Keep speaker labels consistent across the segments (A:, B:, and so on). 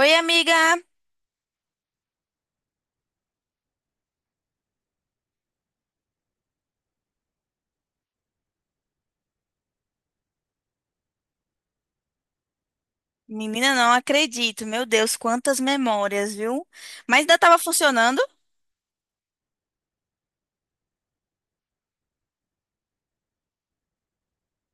A: Oi, amiga! Menina, não acredito. Meu Deus, quantas memórias, viu? Mas ainda estava funcionando?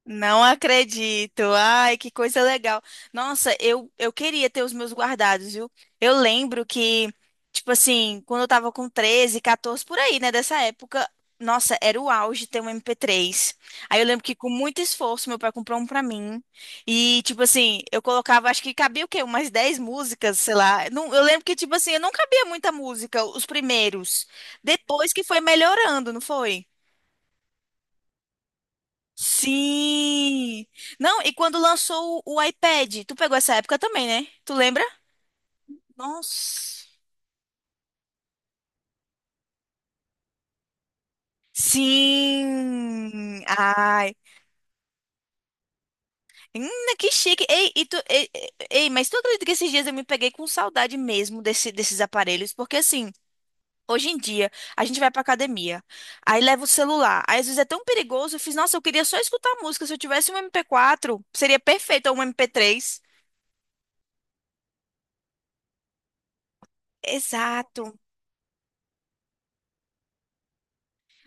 A: Não acredito. Ai, que coisa legal. Nossa, eu queria ter os meus guardados, viu? Eu lembro que, tipo assim, quando eu tava com 13, 14, por aí, né, dessa época, nossa, era o auge ter um MP3. Aí eu lembro que com muito esforço meu pai comprou um pra mim. E, tipo assim, eu colocava, acho que cabia o quê? Umas 10 músicas, sei lá. Não, eu lembro que, tipo assim, eu não cabia muita música, os primeiros. Depois que foi melhorando, não foi? Sim! Não, e quando lançou o iPad, tu pegou essa época também, né? Tu lembra? Nossa! Sim! Ai! Hum, que chique! Ei, e tu, ei, mas tu acredita que esses dias eu me peguei com saudade mesmo desses aparelhos? Porque assim, hoje em dia, a gente vai pra academia, aí leva o celular, aí às vezes é tão perigoso, eu fiz, nossa, eu queria só escutar música, se eu tivesse um MP4, seria perfeito, ou um MP3. Exato.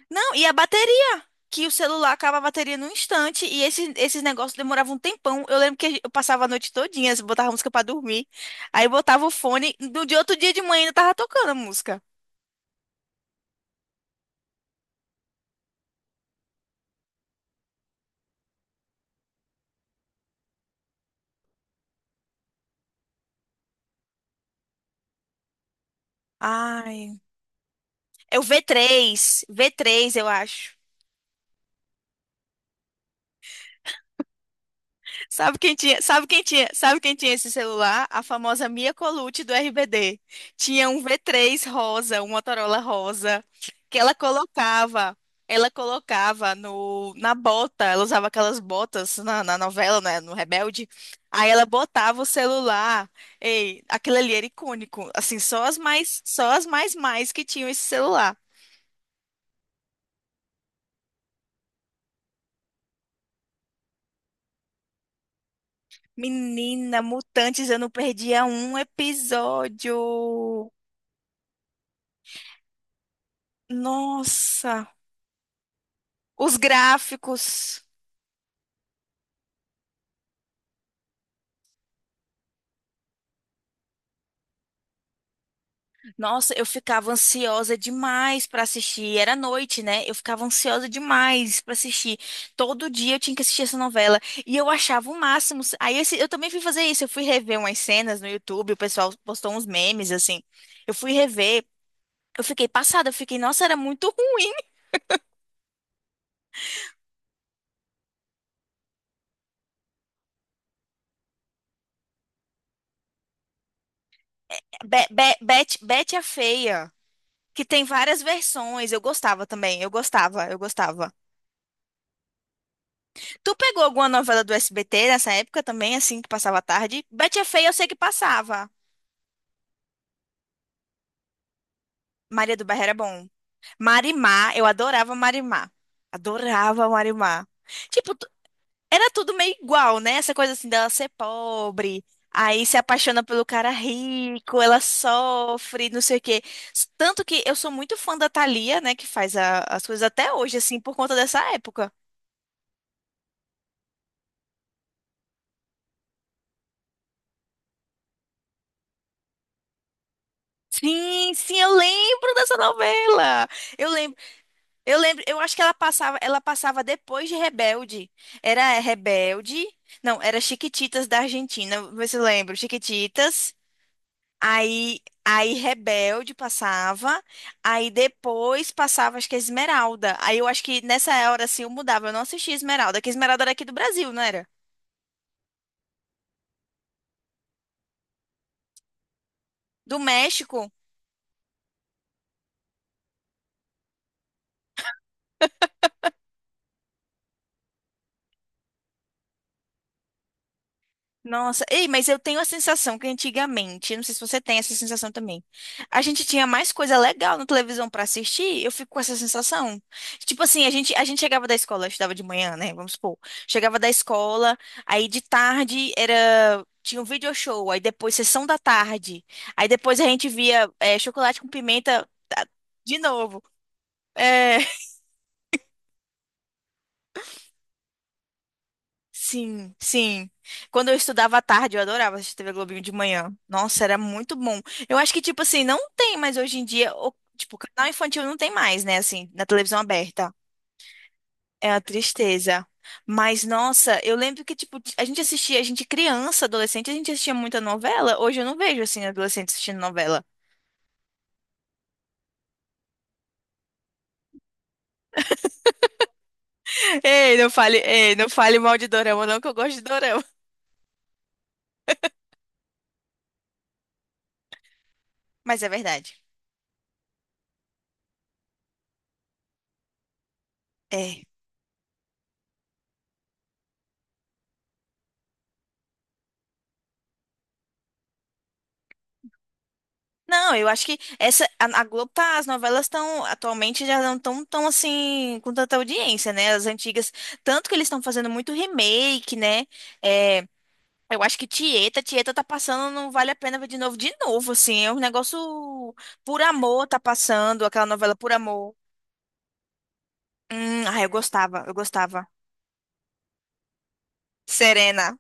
A: Não, e a bateria? Que o celular acaba a bateria num instante e esses negócios demoravam um tempão. Eu lembro que eu passava a noite todinha, assim, botava música pra dormir. Aí botava o fone, do de outro dia de manhã ainda tava tocando a música. Ai, é o v três eu acho. Sabe quem tinha, sabe quem tinha esse celular? A famosa Mia Colucci do RBD. Tinha um v três rosa, um Motorola rosa, que ela colocava no, na bota, ela usava aquelas botas na novela, né, no Rebelde. Aí ela botava o celular. Ei, aquilo ali era icônico. Assim, só as mais mais que tinham esse celular. Menina, Mutantes, eu não perdia um episódio. Nossa. Os gráficos. Nossa, eu ficava ansiosa demais para assistir. Era noite, né? Eu ficava ansiosa demais para assistir. Todo dia eu tinha que assistir essa novela. E eu achava o máximo. Aí eu também fui fazer isso. Eu fui rever umas cenas no YouTube. O pessoal postou uns memes, assim. Eu fui rever. Eu fiquei passada. Eu fiquei, nossa, era muito ruim. Bet a Feia. Que tem várias versões. Eu gostava também. Eu gostava. Tu pegou alguma novela do SBT nessa época também, assim, que passava à tarde? Betty é Feia eu sei que passava. Maria do Bairro era bom. Marimar, eu adorava Marimar. Adorava Marimar. Tipo, tu- era tudo meio igual, né? Essa coisa assim dela ser pobre, aí se apaixona pelo cara rico, ela sofre, não sei o quê. Tanto que eu sou muito fã da Thalia, né, que faz as coisas até hoje, assim, por conta dessa época. Sim, sim, eu lembro dessa novela. Eu lembro. Eu lembro, eu acho que ela passava depois de Rebelde. Era Rebelde, não, era Chiquititas da Argentina, vê se eu lembro, Chiquititas. Aí Rebelde passava, aí depois passava acho que Esmeralda. Aí eu acho que nessa hora assim eu mudava, eu não assistia Esmeralda, que Esmeralda era aqui do Brasil, não era? Do México. Nossa, ei, mas eu tenho a sensação que antigamente, não sei se você tem essa sensação também, a gente tinha mais coisa legal na televisão pra assistir, eu fico com essa sensação. Tipo assim, a gente chegava da escola, eu estudava de manhã, né? Vamos supor. Chegava da escola, aí de tarde era. Tinha um video show, aí depois sessão da tarde. Aí depois a gente via eh, chocolate com pimenta ah, de novo. É, sim, sim. Quando eu estudava à tarde, eu adorava assistir TV Globinho de manhã. Nossa, era muito bom. Eu acho que, tipo assim, não tem mais hoje em dia, tipo, canal infantil não tem mais, né, assim, na televisão aberta. É uma tristeza. Mas, nossa, eu lembro que, tipo, a gente criança, adolescente, a gente assistia muita novela. Hoje eu não vejo, assim, adolescente assistindo novela. Ei, ei, não fale mal de dorama, não, que eu gosto de dorama. Mas é verdade. É. Não, eu acho que essa a Globo tá, as novelas estão atualmente já não estão tão, assim com tanta audiência, né? As antigas, tanto que eles estão fazendo muito remake, né? É, eu acho que Tieta tá passando, não vale a pena ver de novo, assim, é um negócio por amor tá passando, aquela novela por amor. Ah, eu gostava. Serena.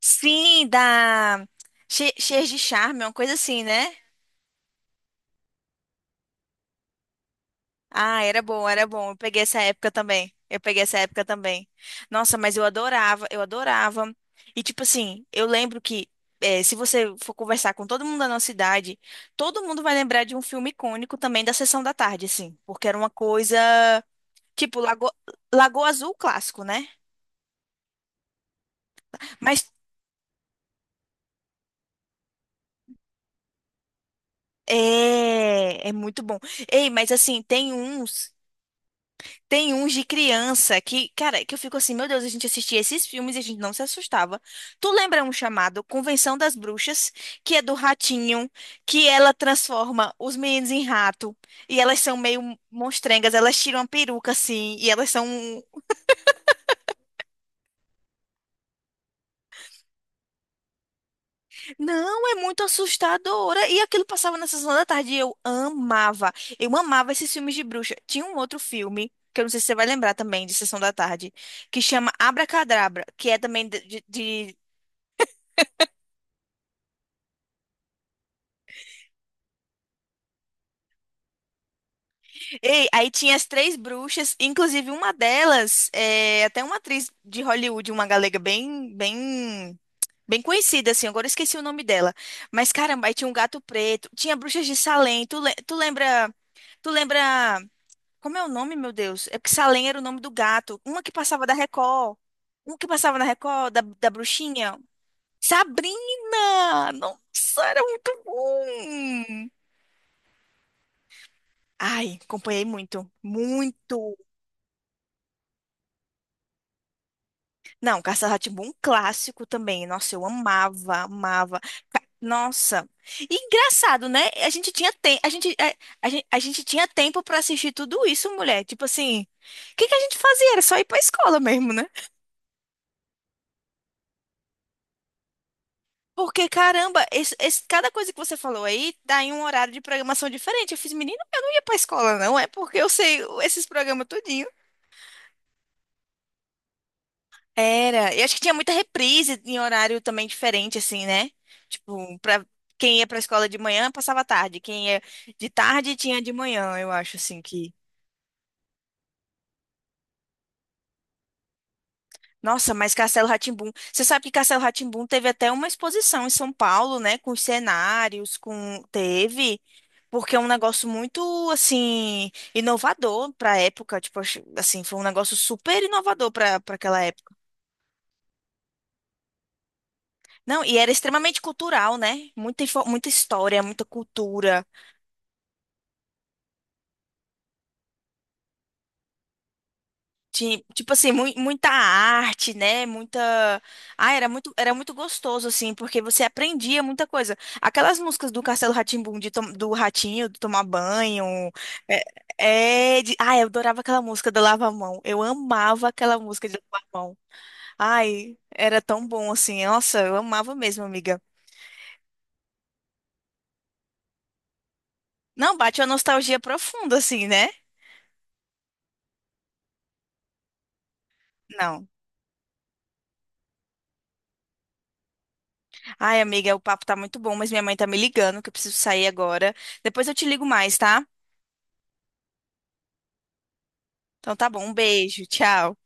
A: Sim, da Cheia de Charme, uma coisa assim, né? Ah, era bom. Eu peguei essa época também. Nossa, mas eu adorava. E tipo assim, eu lembro que eh, se você for conversar com todo mundo da nossa idade, todo mundo vai lembrar de um filme icônico também da Sessão da Tarde, assim, porque era uma coisa tipo Lago... Lagoa Azul clássico, né? Mas é, é muito bom. Ei, mas assim, tem uns de criança que, cara, que eu fico assim, meu Deus, a gente assistia esses filmes e a gente não se assustava. Tu lembra um chamado Convenção das Bruxas, que é do ratinho, que ela transforma os meninos em rato, e elas são meio monstrengas, elas tiram a peruca assim, e elas são. Um Não, é muito assustadora. E aquilo passava na sessão da tarde e eu amava. Eu amava esses filmes de bruxa. Tinha um outro filme. Que eu não sei se você vai lembrar também, de Sessão da Tarde, que chama Abracadabra, que é também de Ei, aí tinha as três bruxas, inclusive uma delas, é, até uma atriz de Hollywood, uma galega bem conhecida, assim, agora eu esqueci o nome dela. Mas caramba, aí tinha um gato preto, tinha bruxas de Salem, tu lembra, como é o nome, meu Deus? É porque Salem era o nome do gato, uma que passava da Record, uma que passava na Record, da bruxinha, Sabrina! Nossa, era muito bom! Ai, acompanhei muito, muito. Não, Castelo rá clássico também. Nossa, amava. Nossa. E engraçado, né? A gente tinha tem, a gente tinha tempo pra assistir tudo isso, mulher. Tipo assim, o que que a gente fazia? Era só ir pra escola mesmo, né? Porque, caramba, cada coisa que você falou aí tá em um horário de programação diferente. Eu fiz, menino, eu não ia pra escola, não. É porque eu sei esses programas tudinho. Era. Eu acho que tinha muita reprise em horário também diferente, assim, né? Tipo, pra quem ia pra escola de manhã, passava a tarde. Quem ia de tarde, tinha de manhã, eu acho, assim, que... Nossa, mas Castelo rá tim. Você sabe que Castelo rá tim teve até uma exposição em São Paulo, né? Com os cenários, com... Teve... Porque é um negócio muito, assim, inovador para a época. Tipo, assim, foi um negócio super inovador para aquela época. Não, e era extremamente cultural, né? Muita, muita história, muita cultura. Tipo assim, muita arte, né? Muita. Ah, era muito gostoso, assim, porque você aprendia muita coisa. Aquelas músicas do Castelo rá tim do Ratinho, do Tomar Banho. É, é de... Ah, eu adorava aquela música do Lava a Mão. Eu amava aquela música de Lava a Mão. Ai, era tão bom, assim. Nossa, eu amava mesmo, amiga. Não, bate uma nostalgia profunda, assim, né? Não. Ai, amiga, o papo tá muito bom, mas minha mãe tá me ligando, que eu preciso sair agora. Depois eu te ligo mais, tá? Então tá bom, um beijo, tchau.